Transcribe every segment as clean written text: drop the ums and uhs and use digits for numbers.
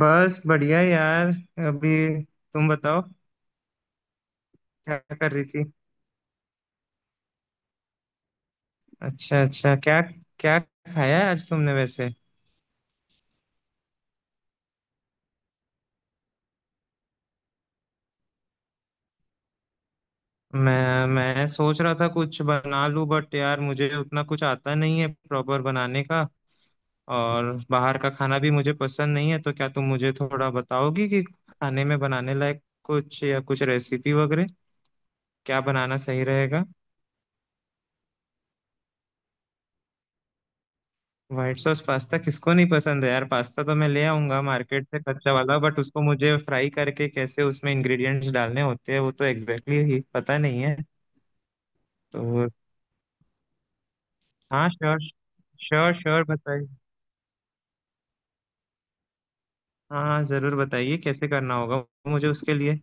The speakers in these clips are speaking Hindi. बस बढ़िया यार, अभी तुम बताओ क्या कर रही थी। अच्छा अच्छा, क्या क्या खाया है आज तुमने वैसे। मैं सोच रहा था कुछ बना लूं बट यार मुझे उतना कुछ आता नहीं है प्रॉपर बनाने का। और बाहर का खाना भी मुझे पसंद नहीं है तो क्या तुम मुझे थोड़ा बताओगी कि खाने में बनाने लायक कुछ या कुछ रेसिपी वगैरह क्या बनाना सही रहेगा। व्हाइट सॉस पास्ता किसको नहीं पसंद है यार। पास्ता तो मैं ले आऊंगा मार्केट से कच्चा वाला बट उसको मुझे फ्राई करके कैसे उसमें इंग्रेडिएंट्स डालने होते हैं वो तो एग्जैक्टली exactly ही पता नहीं है तो। हाँ श्योर, श्योर श्योर बताइए। हाँ हाँ जरूर बताइए कैसे करना होगा मुझे उसके लिए।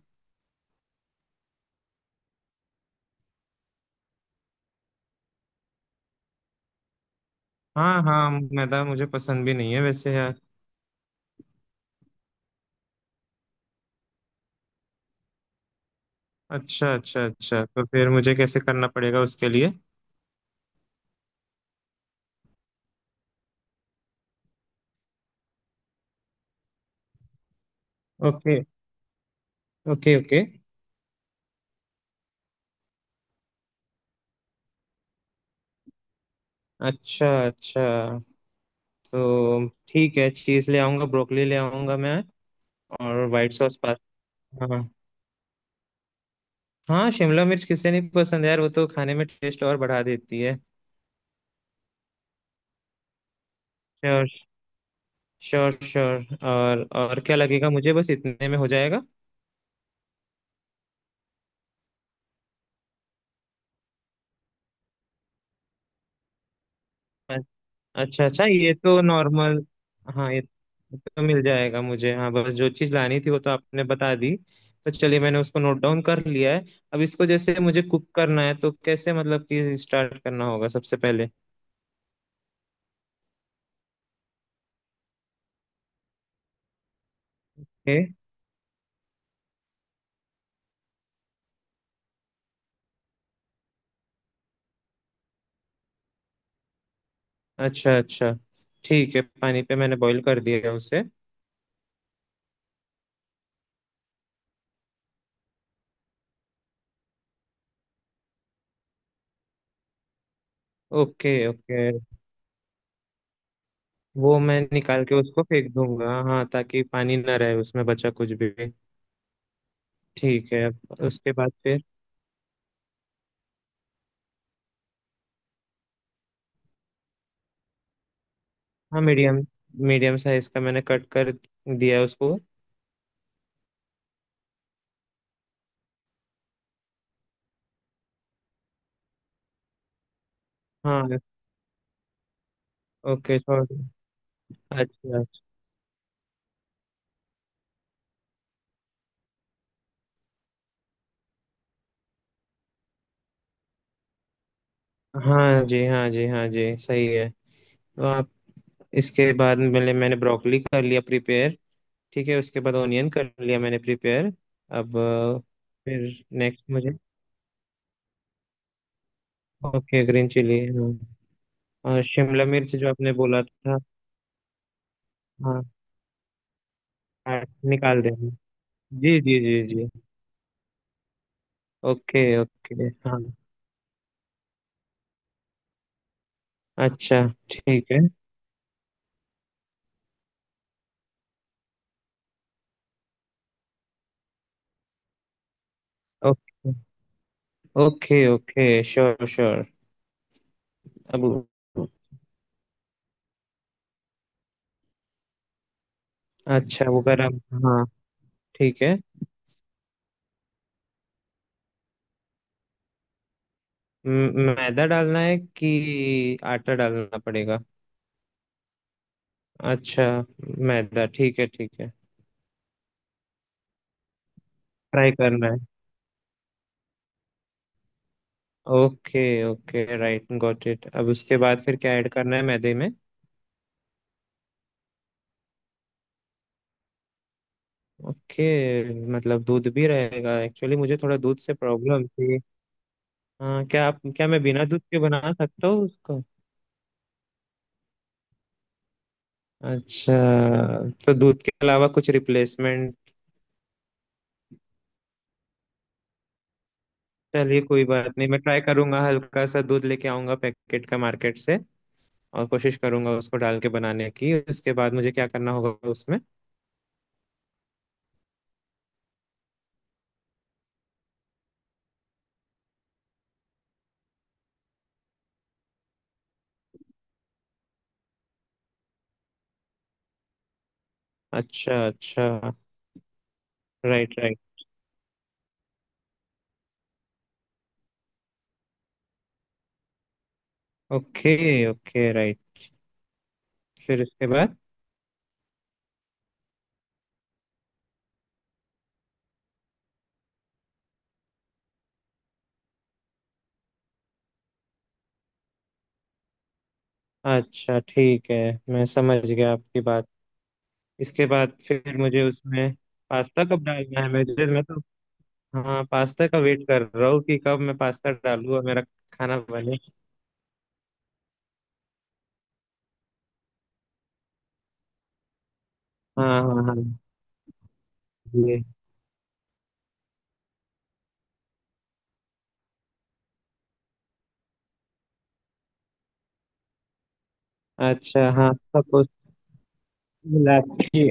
हाँ हाँ, मैदा मुझे पसंद भी नहीं है वैसे यार। अच्छा अच्छा अच्छा, तो फिर मुझे कैसे करना पड़ेगा उसके लिए। Okay okay. ओके। अच्छा अच्छा। तो ठीक है, चीज ले आऊंगा, ब्रोकली ले आऊंगा मैं। और व्हाइट सॉस। हाँ। हाँ शिमला मिर्च किसे नहीं पसंद यार, वो तो खाने में टेस्ट और बढ़ा देती है। श्योर। श्योर श्योर, और क्या लगेगा मुझे, बस इतने में हो जाएगा। अ- अच्छा अच्छा, ये तो नॉर्मल। हाँ ये तो मिल जाएगा मुझे। हाँ बस जो चीज़ लानी थी वो तो आपने बता दी। तो चलिए मैंने उसको नोट डाउन कर लिया है। अब इसको जैसे मुझे कुक करना है तो कैसे मतलब कि स्टार्ट करना होगा सबसे पहले। ए? अच्छा अच्छा। ठीक है, पानी पे मैंने बॉईल कर दिया है उसे। Okay okay. वो मैं निकाल के उसको फेंक दूंगा हाँ, ताकि पानी ना रहे उसमें बचा कुछ भी। ठीक है, अब उसके बाद फिर। हाँ मीडियम, मीडियम साइज का मैंने कट कर दिया उसको। हाँ। Okay sorry. अच्छा अच्छा। हाँ जी, हाँ जी, हाँ जी, सही है। तो आप, इसके बाद मैंने मैंने ब्रोकली कर लिया प्रिपेयर। ठीक है, उसके बाद ऑनियन कर लिया मैंने प्रिपेयर। अब फिर नेक्स्ट मुझे। ओके ग्रीन चिली हाँ। और शिमला मिर्च जो आपने बोला था। हाँ। हाँ, निकाल देना, जी जी जी जी। Okay okay. हाँ। अच्छा। ठीक है। Okay okay. Okay sure, sure. अबू। अच्छा वो गरम। हाँ। ठीक है। मैदा डालना है कि आटा डालना पड़ेगा। अच्छा, मैदा, ठीक है ठीक है। फ्राई करना है। Okay, okay right, got it. अब उसके बाद फिर क्या ऐड करना है मैदे में। ओके। मतलब दूध भी रहेगा, एक्चुअली मुझे थोड़ा दूध से प्रॉब्लम थी। हाँ क्या आप, क्या मैं बिना दूध के बना सकता हूँ उसको। अच्छा, तो दूध के अलावा कुछ रिप्लेसमेंट। चलिए कोई बात नहीं, मैं ट्राई करूंगा, हल्का सा दूध लेके आऊंगा पैकेट का मार्केट से। और कोशिश करूंगा उसको डाल के बनाने की। उसके बाद मुझे क्या करना होगा उसमें। अच्छा अच्छा। Right right. Okay okay right. फिर इसके बाद। अच्छा ठीक है, मैं समझ गया आपकी बात। इसके बाद फिर मुझे उसमें पास्ता कब डालना है। मैं तो, हाँ पास्ता का वेट कर रहा हूँ कि कब मैं पास्ता डालूँ और मेरा खाना बने। हाँ हाँ हाँ हाँ, ये। अच्छा हाँ, सब कुछ मिला के।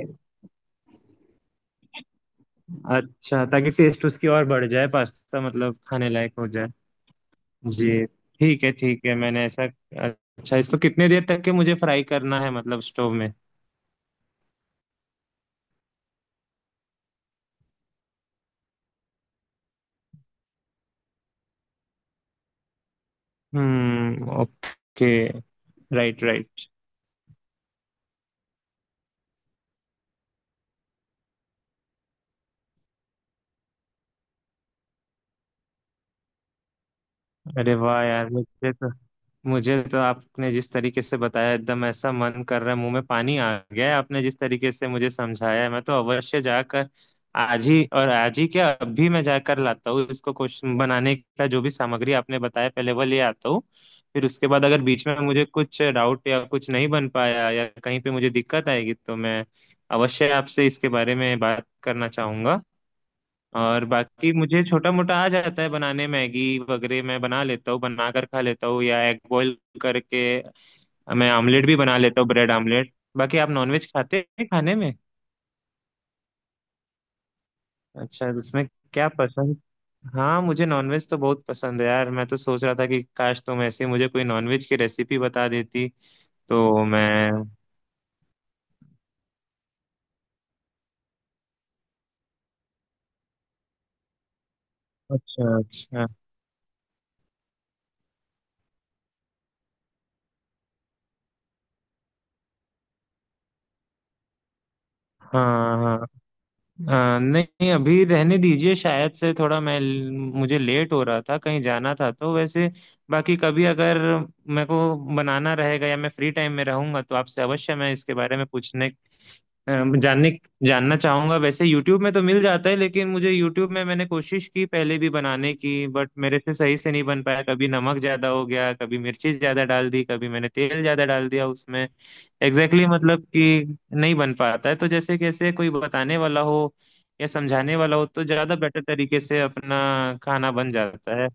अच्छा, ताकि टेस्ट उसकी और बढ़ जाए, पास्ता मतलब खाने लायक हो जाए। जी। ठीक है ठीक है, मैंने ऐसा। अच्छा, इसको कितने देर तक के मुझे फ्राई करना है मतलब स्टोव में। ओके। Right right. अरे वाह यार, मुझे तो आपने जिस तरीके से बताया, एकदम ऐसा मन कर रहा है, मुंह में पानी आ गया है। आपने जिस तरीके से मुझे समझाया है, मैं तो अवश्य जाकर आज ही, और आज ही क्या, अभी मैं जाकर लाता हूँ इसको क्वेश्चन बनाने का जो भी सामग्री आपने बताया पहले वो ले आता हूँ। फिर उसके बाद अगर बीच में मुझे कुछ डाउट या कुछ नहीं बन पाया या कहीं पे मुझे दिक्कत आएगी तो मैं अवश्य आपसे इसके बारे में बात करना चाहूंगा। और बाकी मुझे छोटा मोटा आ जाता है बनाने, मैगी वगैरह मैं बना लेता हूँ, बना कर खा लेता हूँ, या एग बॉईल करके मैं आमलेट भी बना लेता हूँ, ब्रेड आमलेट। बाकी आप नॉनवेज खाते हैं खाने में। अच्छा, उसमें क्या पसंद। हाँ मुझे नॉनवेज तो बहुत पसंद है यार, मैं तो सोच रहा था कि काश तुम ऐसे ही मुझे कोई नॉनवेज की रेसिपी बता देती तो मैं। अच्छा अच्छा। हाँ। हाँ। नहीं अभी रहने दीजिए, शायद से थोड़ा मैं, मुझे लेट हो रहा था, कहीं जाना था तो वैसे। बाकी कभी अगर मेरे को बनाना रहेगा या मैं फ्री टाइम में रहूंगा तो आपसे अवश्य मैं इसके बारे में पूछने, जानने, जानना चाहूंगा। वैसे YouTube में तो मिल जाता है लेकिन मुझे YouTube में मैंने कोशिश की पहले भी बनाने की बट मेरे से सही से नहीं बन पाया, कभी नमक ज्यादा हो गया, कभी मिर्ची ज्यादा डाल दी, कभी मैंने तेल ज्यादा डाल दिया उसमें, एग्जैक्टली exactly मतलब कि नहीं बन पाता है। तो जैसे कैसे कोई बताने वाला हो या समझाने वाला हो तो ज्यादा बेटर तरीके से अपना खाना बन जाता है,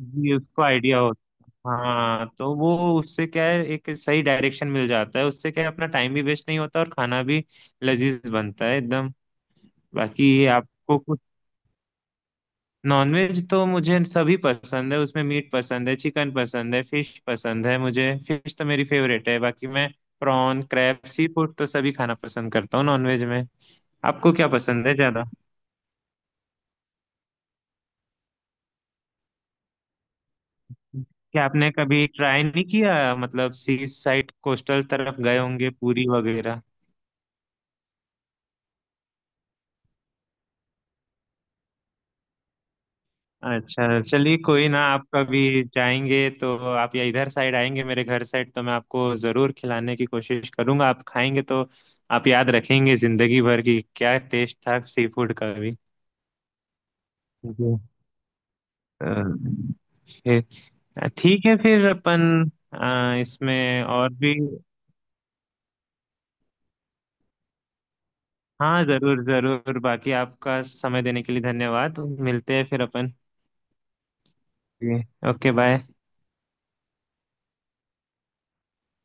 जी उसको आइडिया होता। हाँ तो वो, उससे क्या है एक सही डायरेक्शन मिल जाता है, उससे क्या है अपना टाइम भी वेस्ट नहीं होता और खाना भी लजीज बनता है एकदम। बाकी आपको कुछ, नॉनवेज तो मुझे सभी पसंद है, उसमें मीट पसंद है, चिकन पसंद है, फिश पसंद है, मुझे फिश तो मेरी फेवरेट है। बाकी मैं प्रॉन, क्रैब, सी फूड तो सभी खाना पसंद करता हूँ नॉनवेज में। आपको क्या पसंद है ज्यादा। क्या आपने कभी ट्राई नहीं किया, मतलब सी साइड, कोस्टल तरफ गए होंगे, पूरी वगैरह। अच्छा, चलिए कोई ना, आप कभी जाएंगे तो आप, या इधर साइड आएंगे मेरे घर साइड, तो मैं आपको जरूर खिलाने की कोशिश करूंगा, आप खाएंगे तो आप याद रखेंगे जिंदगी भर की क्या टेस्ट था सी फूड का भी। जी। अ, फिर ठीक है फिर अपन, इसमें और भी। हाँ जरूर जरूर, बाकी आपका समय देने के लिए धन्यवाद, मिलते हैं फिर अपन। जी। Okay bye.